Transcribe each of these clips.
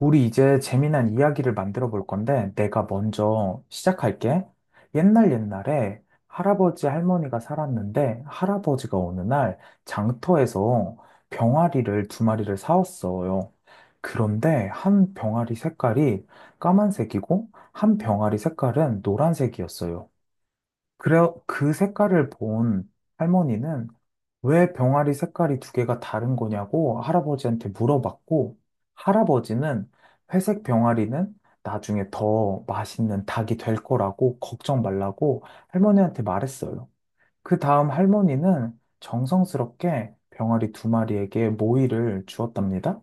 우리 이제 재미난 이야기를 만들어 볼 건데, 내가 먼저 시작할게. 옛날 옛날에 할아버지 할머니가 살았는데, 할아버지가 어느 날 장터에서 병아리를 두 마리를 사왔어요. 그런데 한 병아리 색깔이 까만색이고, 한 병아리 색깔은 노란색이었어요. 그래, 그 색깔을 본 할머니는 왜 병아리 색깔이 두 개가 다른 거냐고 할아버지한테 물어봤고, 할아버지는 회색 병아리는 나중에 더 맛있는 닭이 될 거라고 걱정 말라고 할머니한테 말했어요. 그 다음 할머니는 정성스럽게 병아리 두 마리에게 모이를 주었답니다.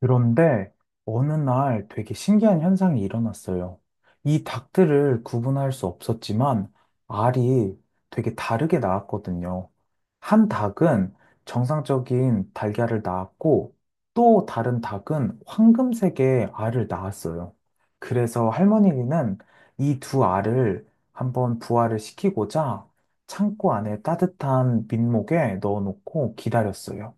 그런데 어느 날 되게 신기한 현상이 일어났어요. 이 닭들을 구분할 수 없었지만 알이 되게 다르게 나왔거든요. 한 닭은 정상적인 달걀을 낳았고 또 다른 닭은 황금색의 알을 낳았어요. 그래서 할머니는 이 두 알을 한번 부화를 시키고자 창고 안에 따뜻한 민목에 넣어놓고 기다렸어요.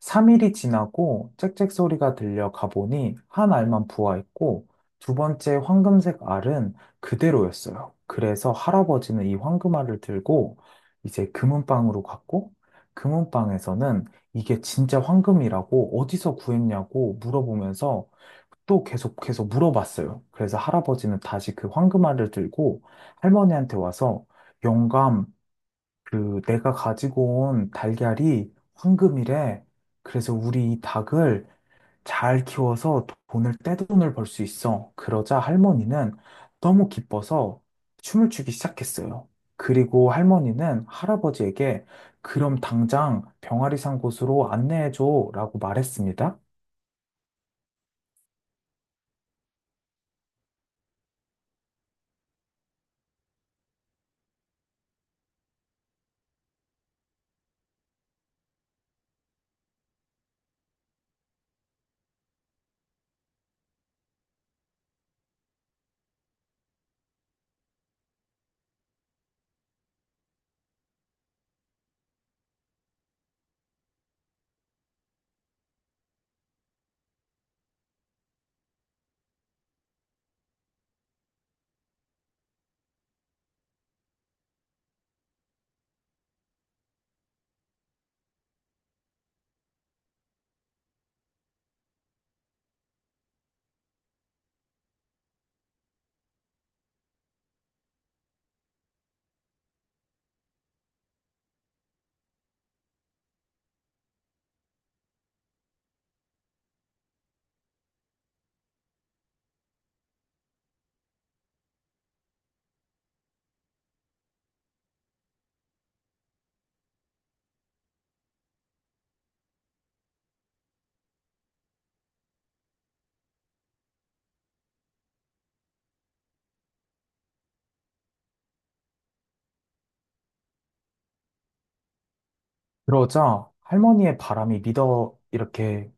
3일이 지나고 짹짹 소리가 들려 가보니 한 알만 부화했고 두 번째 황금색 알은 그대로였어요. 그래서 할아버지는 이 황금알을 들고 이제 금은방으로 갔고 금은방에서는 이게 진짜 황금이라고 어디서 구했냐고 물어보면서 또 계속 계속 물어봤어요. 그래서 할아버지는 다시 그 황금알을 들고 할머니한테 와서 영감, 그 내가 가지고 온 달걀이 황금이래. 그래서 우리 이 닭을 잘 키워서 돈을 떼돈을 벌 수 있어. 그러자 할머니는 너무 기뻐서 춤을 추기 시작했어요. 그리고 할머니는 할아버지에게 그럼 당장 병아리산 곳으로 안내해줘라고 말했습니다. 그러자 할머니의 바람이 믿어 이렇게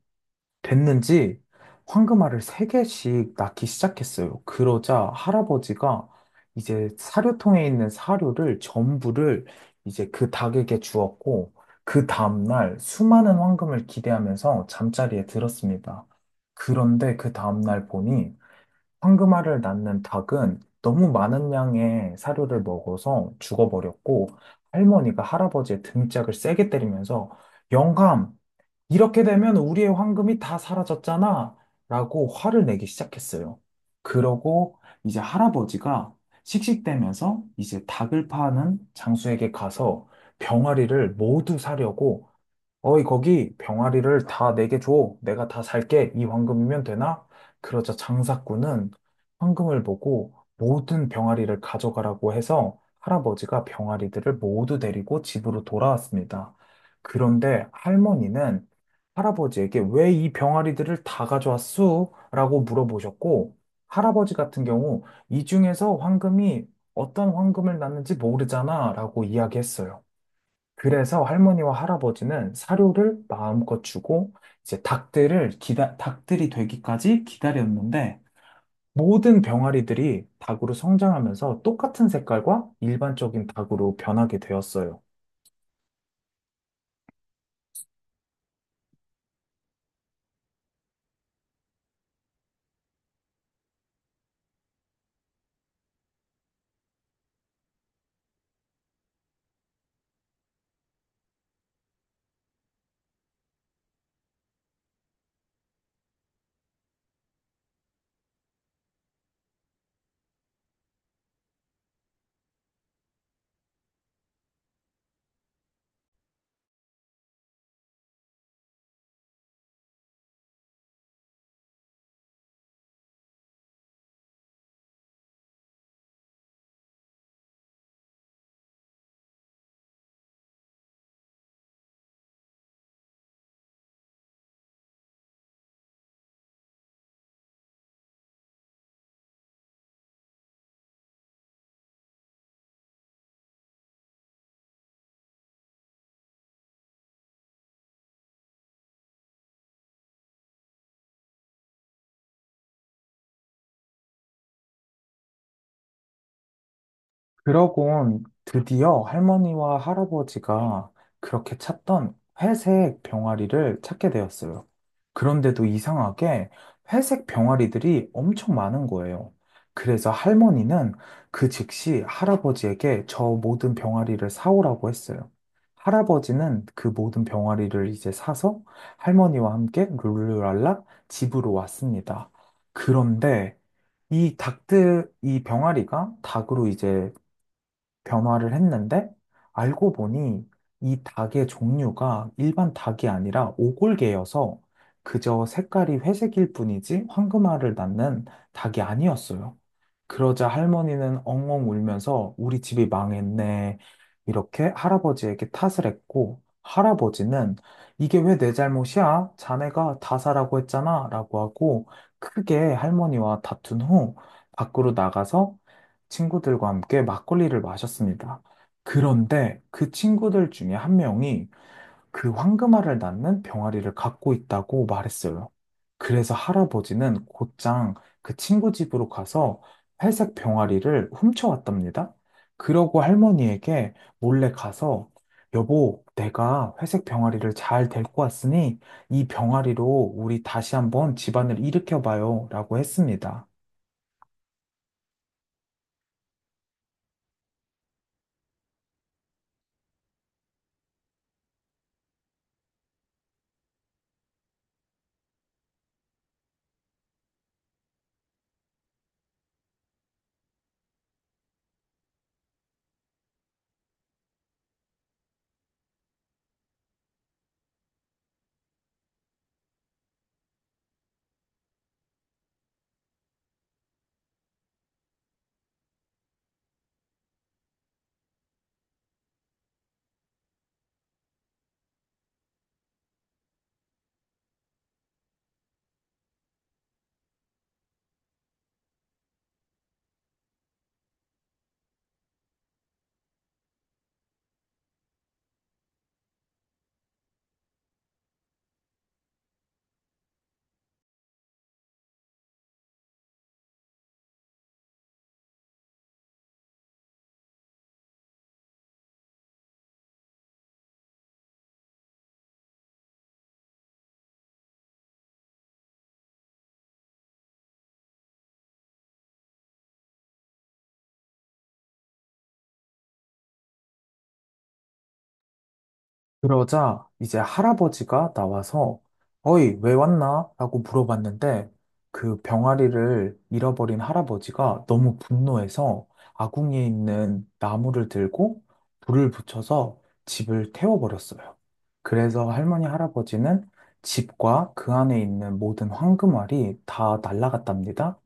됐는지 황금알을 3개씩 낳기 시작했어요. 그러자 할아버지가 이제 사료통에 있는 사료를 전부를 이제 그 닭에게 주었고, 그 다음날 수많은 황금을 기대하면서 잠자리에 들었습니다. 그런데 그 다음날 보니 황금알을 낳는 닭은 너무 많은 양의 사료를 먹어서 죽어버렸고, 할머니가 할아버지의 등짝을 세게 때리면서 영감! 이렇게 되면 우리의 황금이 다 사라졌잖아. 라고 화를 내기 시작했어요. 그러고 이제 할아버지가 씩씩대면서 이제 닭을 파는 장수에게 가서 병아리를 모두 사려고 어이, 거기 병아리를 다 내게 줘. 내가 다 살게. 이 황금이면 되나? 그러자 장사꾼은 황금을 보고 모든 병아리를 가져가라고 해서 할아버지가 병아리들을 모두 데리고 집으로 돌아왔습니다. 그런데 할머니는 할아버지에게 왜 이 병아리들을 다 가져왔수? 라고 물어보셨고, 할아버지 같은 경우 이 중에서 황금이 어떤 황금을 낳는지 모르잖아. 라고 이야기했어요. 그래서 할머니와 할아버지는 사료를 마음껏 주고 이제 닭들이 되기까지 기다렸는데 모든 병아리들이 닭으로 성장하면서 똑같은 색깔과 일반적인 닭으로 변하게 되었어요. 그러곤 드디어 할머니와 할아버지가 그렇게 찾던 회색 병아리를 찾게 되었어요. 그런데도 이상하게 회색 병아리들이 엄청 많은 거예요. 그래서 할머니는 그 즉시 할아버지에게 저 모든 병아리를 사오라고 했어요. 할아버지는 그 모든 병아리를 이제 사서 할머니와 함께 룰루랄라 집으로 왔습니다. 그런데 이 병아리가 닭으로 이제 변화를 했는데 알고 보니 이 닭의 종류가 일반 닭이 아니라 오골계여서 그저 색깔이 회색일 뿐이지 황금알을 낳는 닭이 아니었어요. 그러자 할머니는 엉엉 울면서 우리 집이 망했네. 이렇게 할아버지에게 탓을 했고, 할아버지는 이게 왜 내 잘못이야? 자네가 다 사라고 했잖아. 라고 하고, 크게 할머니와 다툰 후, 밖으로 나가서 친구들과 함께 막걸리를 마셨습니다. 그런데 그 친구들 중에 한 명이 그 황금알을 낳는 병아리를 갖고 있다고 말했어요. 그래서 할아버지는 곧장 그 친구 집으로 가서 회색 병아리를 훔쳐왔답니다. 그러고 할머니에게 몰래 가서 여보, 내가 회색 병아리를 잘 데리고 왔으니 이 병아리로 우리 다시 한번 집안을 일으켜봐요 라고 했습니다. 그러자 이제 할아버지가 나와서 어이, 왜 왔나? 라고 물어봤는데 그 병아리를 잃어버린 할아버지가 너무 분노해서 아궁이에 있는 나무를 들고 불을 붙여서 집을 태워버렸어요. 그래서 할머니, 할아버지는 집과 그 안에 있는 모든 황금알이 다 날아갔답니다.